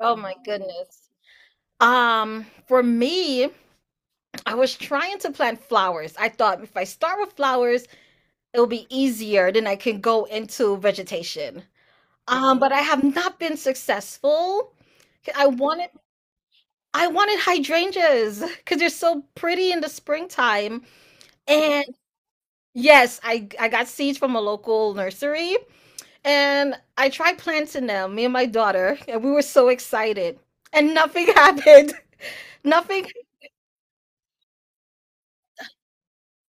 Oh my goodness. For me, I was trying to plant flowers. I thought if I start with flowers, it'll be easier, then I can go into vegetation. But I have not been successful. I wanted I wanted hydrangeas because they're so pretty in the springtime. And yes, I got seeds from a local nursery and I tried planting them, me and my daughter, and we were so excited. And nothing happened. Nothing.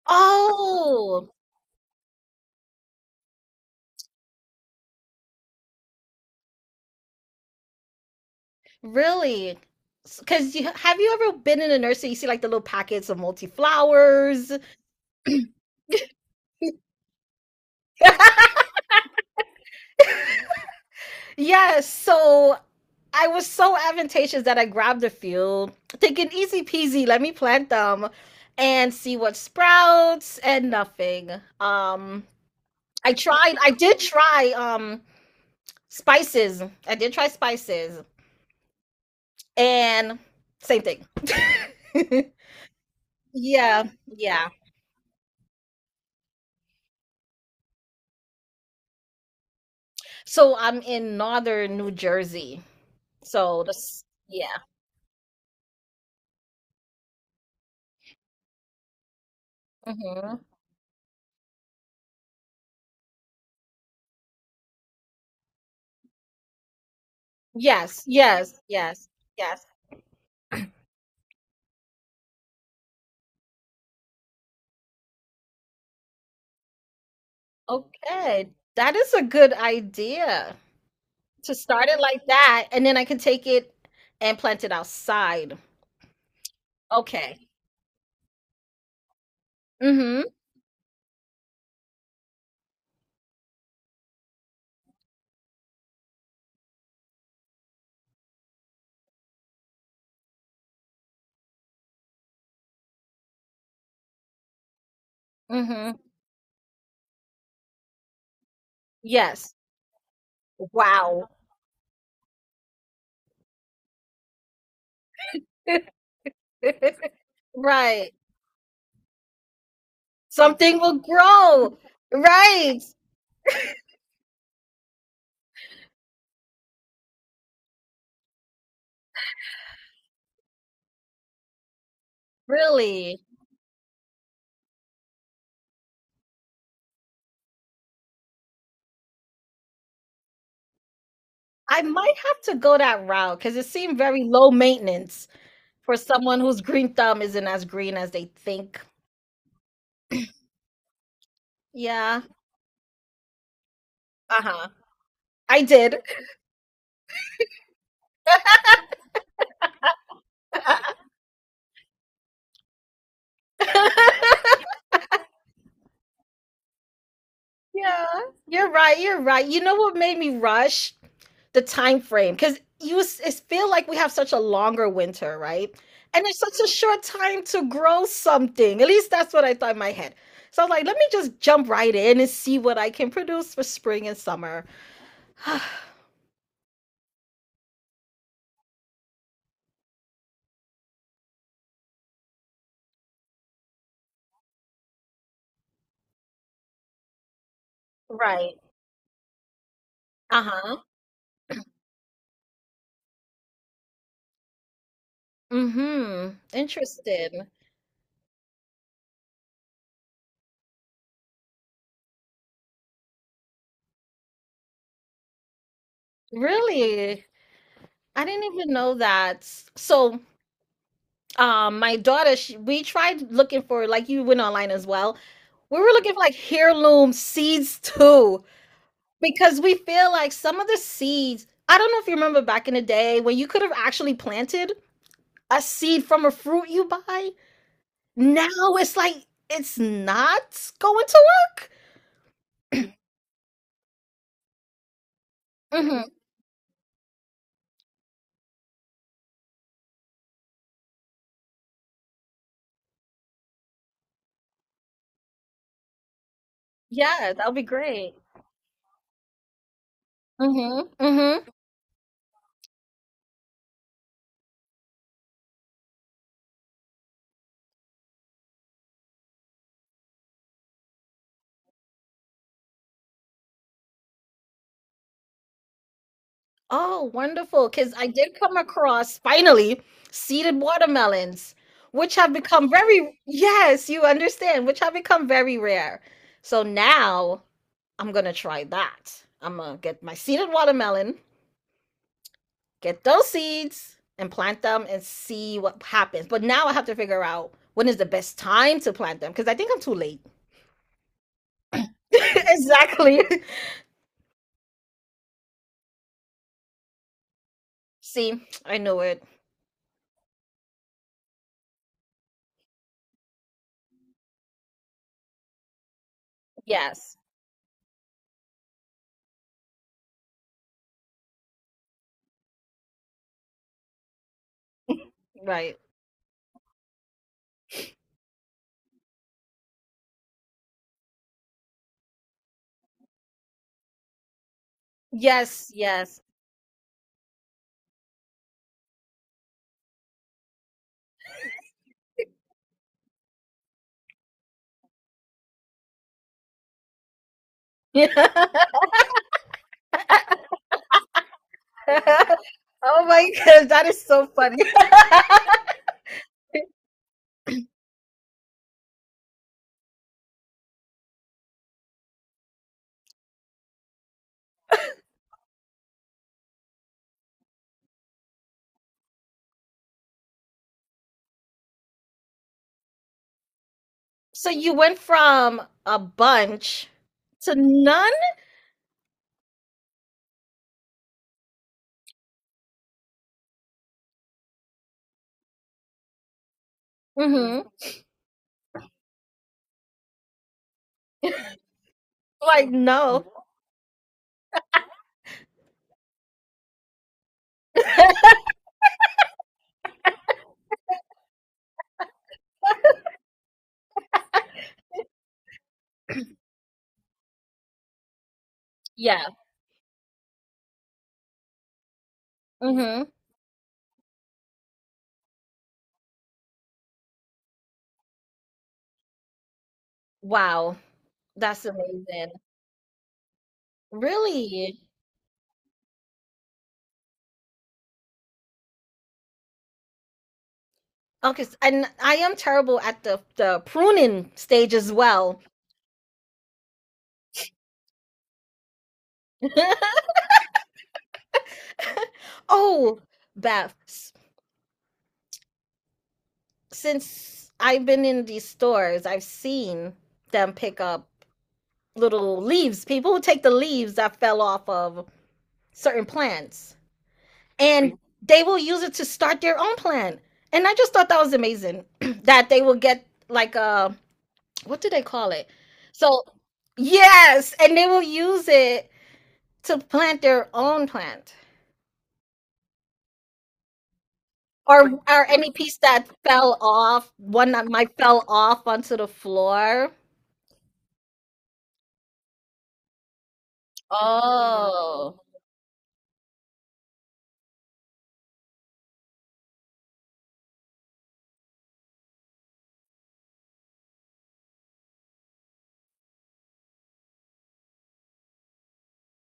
Oh, really? Because you have you ever been in a nursery? You see like the little packets of multi-flowers. Yes, so I was so advantageous that I grabbed a few, thinking easy peasy, let me plant them and see what sprouts and nothing. Um, I did try spices. I did try spices and same thing. Yeah, yeah. So I'm in northern New Jersey. So that's yeah. Hmm. Yes, yes, yes, yes. Okay. That is a good idea to start it like that, and then I can take it and plant it outside. Okay. Mm-hmm. Mm-hmm. Yes. Wow. Right. Something will grow. Right. Really. I might have to go that route because it seemed very low maintenance for someone whose green thumb isn't as green as they think. Yeah. Uh-huh. I did. Yeah, you're right. You're right. You know what made me rush? The time frame, because it's feel like we have such a longer winter, right? And it's such a short time to grow something. At least that's what I thought in my head. So I was like, let me just jump right in and see what I can produce for spring and summer. Right. Uh-huh. Mm-hmm. Interesting. Really? I didn't even know that. So my daughter she, we tried looking for like you went online as well, we were looking for like heirloom seeds too, because we feel like some of the seeds, I don't know if you remember back in the day when you could have actually planted a seed from a fruit you buy. Now it's like it's not going to work. Hmm. Yeah, that would be great. Hmm, hmm. Oh, wonderful. Because I did come across finally seeded watermelons, which have become very, yes, you understand, which have become very rare. So now I'm going to try that. I'm going to get my seeded watermelon, get those seeds, and plant them and see what happens. But now I have to figure out when is the best time to plant them because I think I'm too late. Exactly. See, I knew it. Yes, right. Yes, yes. Oh my gosh, that is so funny. So you went from a bunch to none? Hmm. Like no. Yeah. Hmm. Wow. That's amazing. Really? Okay, and I am terrible at the pruning stage as well. Oh, Beth, since I've been in these stores, I've seen them pick up little leaves, people who take the leaves that fell off of certain plants, and they will use it to start their own plan. And I just thought that was amazing that they will get like what do they call it? So yes, and they will use it to plant their own plant. Or any piece that fell off, one that might fell off onto the floor. Oh.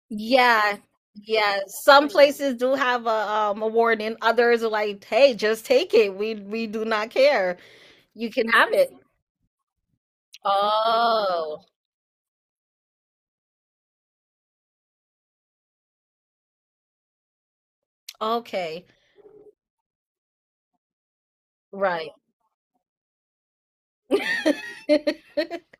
Yeah. Yeah. Some places do have a warning. Others are like, hey, just take it. We do not care. You can have it. Oh, okay. Right.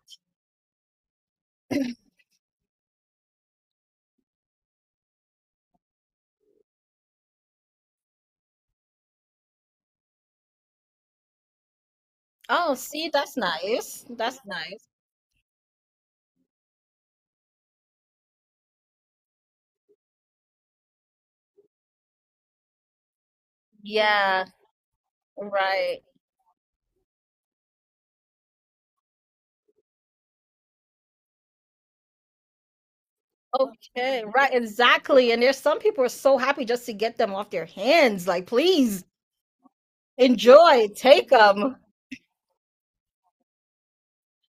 Oh, see, that's nice. That's nice. Yeah, right. Okay, right, exactly. And there's some people are so happy just to get them off their hands. Like, please enjoy, take them.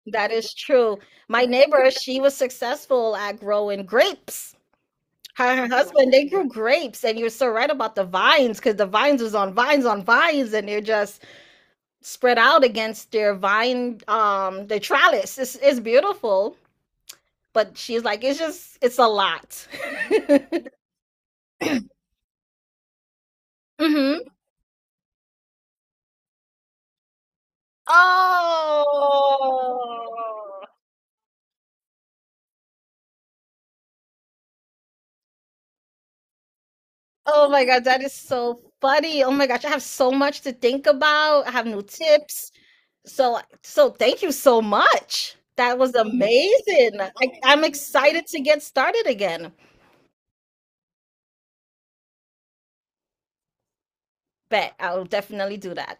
That is true. My neighbor, she was successful at growing grapes. Her and her husband, they grew grapes, and you're so right about the vines, because the vines was on vines, and they're just spread out against their vine their trellis, it's beautiful, but she's like it's just it's a lot. Hmm. Oh, oh my god, that is so funny. Oh my gosh, I have so much to think about. I have new tips, so so thank you so much. That was amazing. I, I'm excited to get started again. Bet I'll definitely do that.